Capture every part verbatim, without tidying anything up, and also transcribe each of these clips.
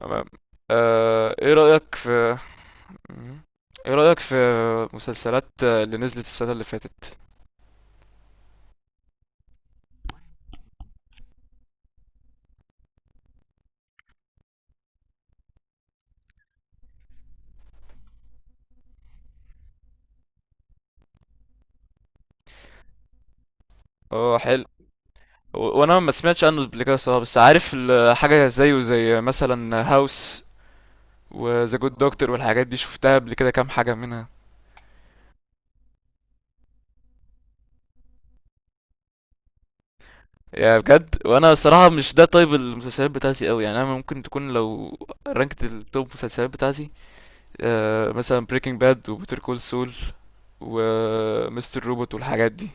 تمام. آه، ايه رأيك في ايه رأيك في مسلسلات اللي نزلت السنة اللي فاتت. اه، حلو. و- وانا ما سمعتش عنه قبل كده صراحة، بس عارف ال- حاجة زيه، زي مثلا هاوس وذا جود دكتور والحاجات دي شفتها قبل كده كام حاجة منها. يا بجد، وانا صراحة مش ده طيب المسلسلات بتاعتي قوي، يعني انا ممكن تكون لو رانكت التوب مسلسلات بتاعتي، آه مثلا بريكنج باد وبيتر كول سول ومستر روبوت والحاجات دي.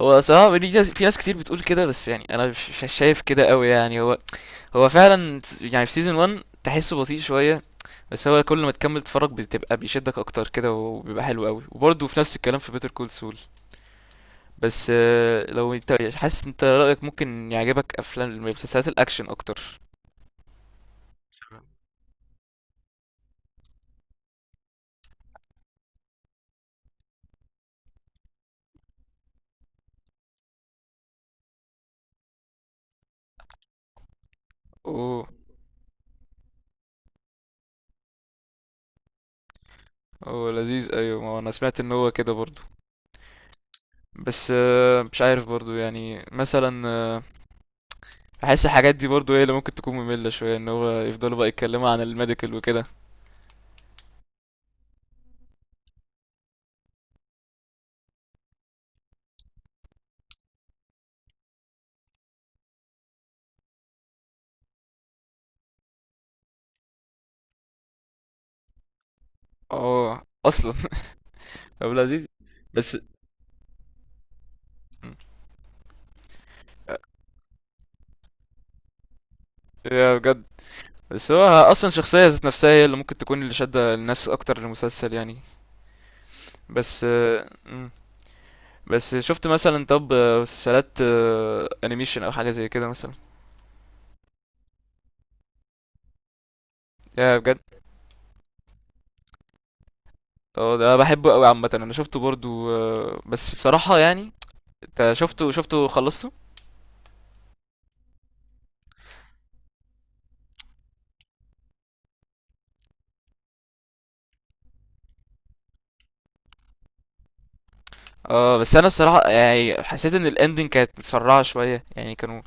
هو صراحة دي ناس، في ناس كتير بتقول كده، بس يعني أنا مش مش شايف كده أوي، يعني هو هو فعلا، يعني في سيزون واحد تحسه بطيء شوية، بس هو كل ما تكمل تتفرج بتبقى بيشدك أكتر كده وبيبقى حلو أوي، وبرضه في نفس الكلام في بيتر كول سول. بس آه، لو أنت حاسس أنت رأيك ممكن يعجبك أفلام مسلسلات الأكشن أكتر. أوه، هو لذيذ، أيوة، ما أنا سمعت إن هو كده برضه. بس آه، مش عارف برضه، يعني مثلا بحس الحاجات دي برضو هي اللي ممكن تكون مملة شوية، ان هو يفضلوا بقى يتكلموا عن الميديكال وكده. اه، اصلا ابو العزيز، بس. يا بجد. بس هو اصلا شخصية ذات نفسها هي اللي ممكن تكون اللي شادة الناس اكتر للمسلسل، يعني. بس آه، مم. بس شفت مثلا، طب آه، مسلسلات آه، انيميشن او حاجة زي كده مثلا؟ يا بجد. اه، ده بحبه قوي عامة، انا شفته برضو، آه، بس الصراحة يعني انت شفته شفته خلصته؟ اه، بس انا الصراحه يعني حسيت ان الاندنج كانت مسرعه شويه، يعني كانوا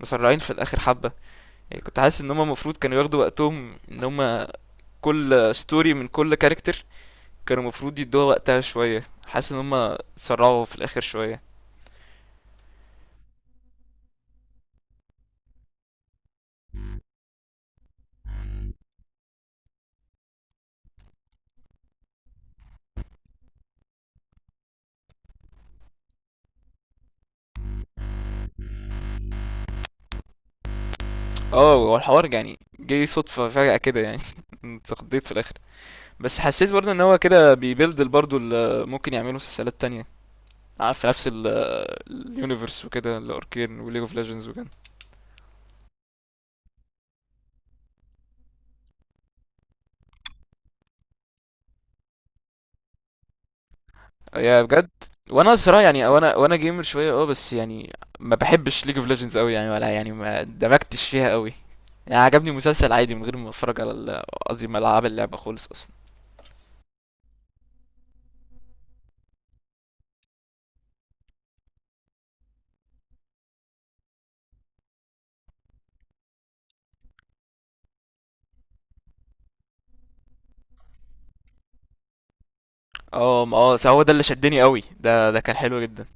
مسرعين في الاخر حبه، يعني كنت حاسس ان هم المفروض كانوا ياخدوا وقتهم، ان هم كل ستوري من كل كاركتر كانوا المفروض يدوها وقتها شويه، حاسس ان هم اتسرعوا في الاخر شويه. اه، هو الحوار يعني جه صدفه فجاه كده، يعني اتقضيت في الاخر. بس حسيت برضه ان هو كده بيبيلد برضه اللي ممكن يعملوا مسلسلات تانية آه، في نفس اليونيفرس وكده، الاركين وليج اوف ليجندز وكده. يا بجد. وانا الصراحه يعني وانا وانا جيمر شويه، اه، بس يعني ما بحبش ليج اوف ليجندز قوي، يعني ولا يعني ما دمجتش فيها قوي، يعني عجبني مسلسل عادي من غير ما اتفرج على ال- قصدي ما العب اللعبه خالص اصلا. اه، ما اه هو ده اللي شدني قوي، ده ده كان حلو جدا.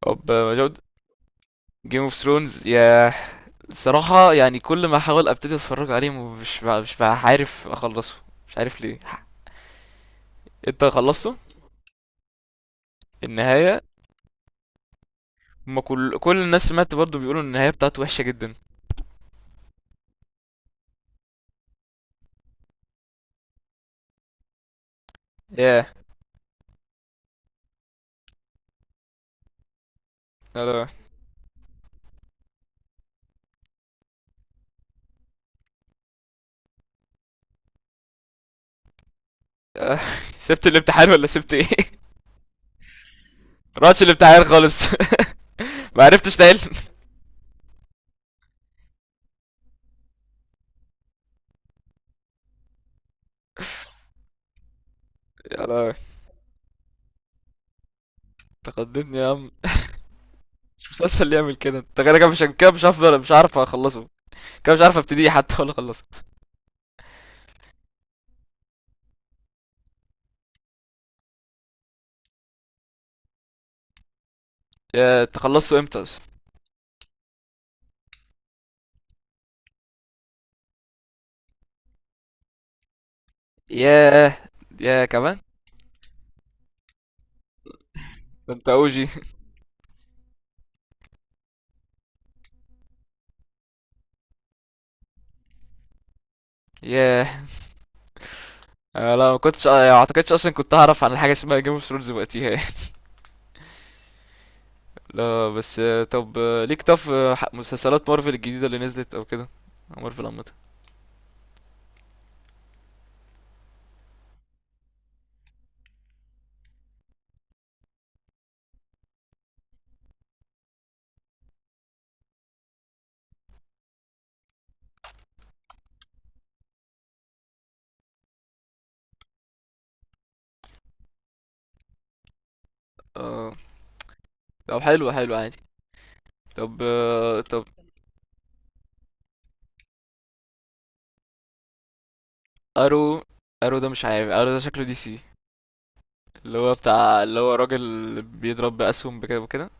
طب. جيم اوف ثرونز يا، الصراحه يعني كل ما احاول ابتدي اتفرج عليه مش بع- مش بقى عارف اخلصه، مش عارف ليه. انت خلصته؟ النهايه. ما كل كل الناس سمعت برضو بيقولوا ان النهايه بتاعته وحشه جدا. ياه. لا، لا. آه، سبت الامتحان ولا سبت ايه؟ رحتش الامتحان خالص. ما عرفتش تحل؟ يلا، تقدمني يا عم. مش مسلسل اللي يعمل كده، انت كده كده مش كده، مش هفضل مش عارف اخلصه، كده مش عارف ابتدي حتى ولا اخلصه. يا تخلصته امتى اصلا؟ ياه. يا كمان؟ ده انت اوجي. ياه. آه، لا، ما كنتش، آه، ما اعتقدش اصلا كنت هعرف عن حاجه اسمها جيم اوف ثرونز وقتها يعني. لا، بس آه، طب آه، ليك طف آه، ح- مسلسلات مارفل الجديده اللي نزلت او كده، مارفل عامه؟ آه، طب حلو، حلو عادي. طب آه، طب ارو، ارو ده مش عارف، ارو ده شكله دي سي، اللي هو بتاع، اللي هو راجل بيضرب بأسهم بكده وكده.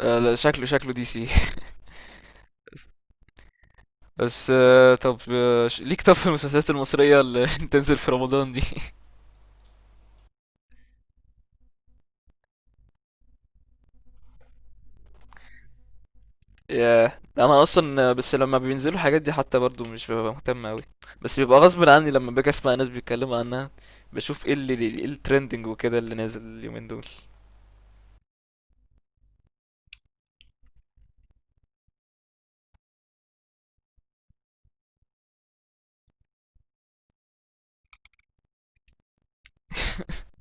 آه، لا، شكله شكله دي سي. بس آه، طب آه، ش- ليك طب في المسلسلات المصرية اللي تنزل في رمضان دي؟ ياه، انا اصلا آه، بس لما بينزلوا الحاجات دي حتى برضو مش ببقى مهتم اوي، بس بيبقى غصب عني لما باجي اسمع ناس بيتكلموا عنها، بشوف ايه اللي ايه الترندنج وكده اللي نازل اليومين دول.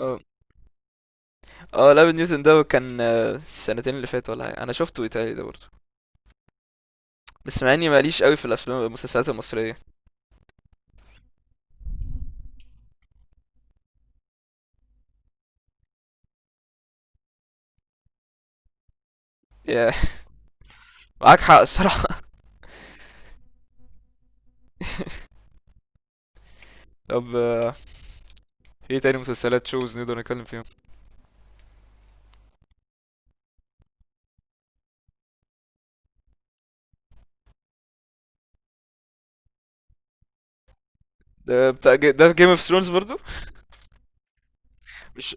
اه، اه، لابن نيوتن ده كان آه، السنتين اللي فاتوا ولا حاجة. انا شفته ايطالي ده برضه، بس مع اني ماليش قوي في الافلام المسلسلات المصريه. يا. معاك حق الصراحه. طب آه، ايه تاني مسلسلات شوز نقدر نتكلم فيهم؟ ده بتاع جي... ده جيم اوف ثرونز برضو. مش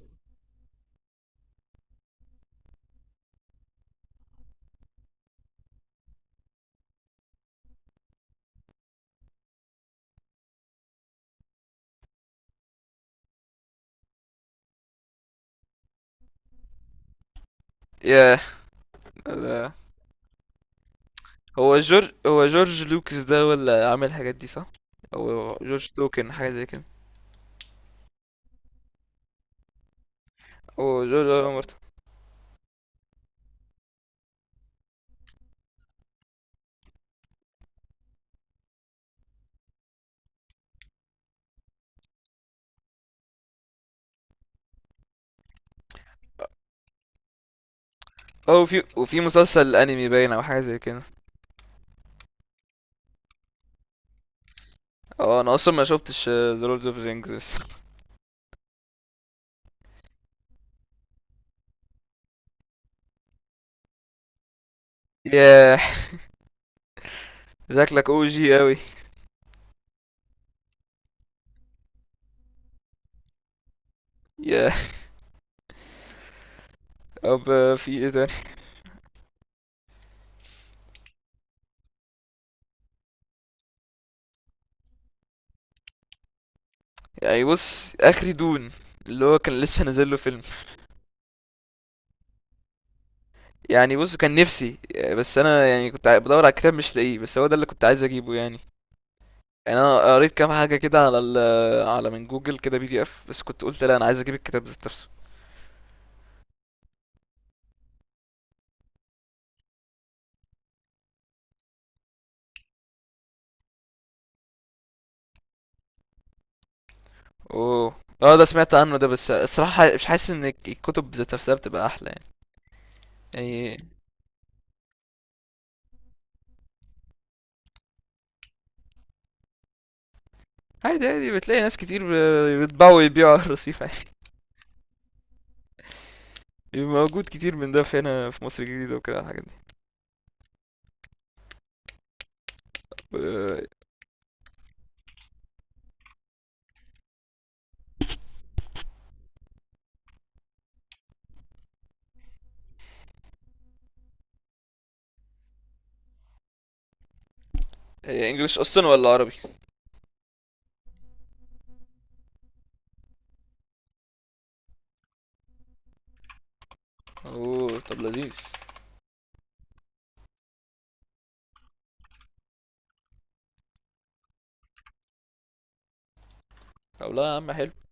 يا ده- هو جورج هو جورج لوكس ده ولا عامل الحاجات دي صح؟ او جورج توكن، حاجه زي كده، او جورج ولا مرته، او في وفي مسلسل انمي باين او حاجه زي كده. اه، انا اصلا ما شفتش ذا لورد اوف رينجز. ياه. شكلك او جي اوي. ياه. طب آه، في ايه تاني؟ يعني بص، اخري دون اللي هو كان لسه نازل له فيلم، يعني بص كان نفسي، بس انا يعني كنت ع- بدور على الكتاب مش لاقيه، بس هو ده اللي كنت عايز اجيبه يعني. يعني انا قريت كام حاجه كده على ال على من جوجل كده بي دي اف، بس كنت قلت لا، انا عايز اجيب الكتاب ذات نفسه. اوه. اه، ده سمعت عنه ده، بس الصراحه مش حاسس ان الك- الكتب ذات نفسها بتبقى احلى، يعني. يعني عادي، عادي بتلاقي ناس كتير ب- بيطبعوا ويبيعوا على الرصيف عادي. موجود كتير من ده في هنا في مصر الجديدة وكده الحاجات دي. انجلش اصلا ولا عربي؟ اوه، طب لذيذ. طب لا يا عم، حلو.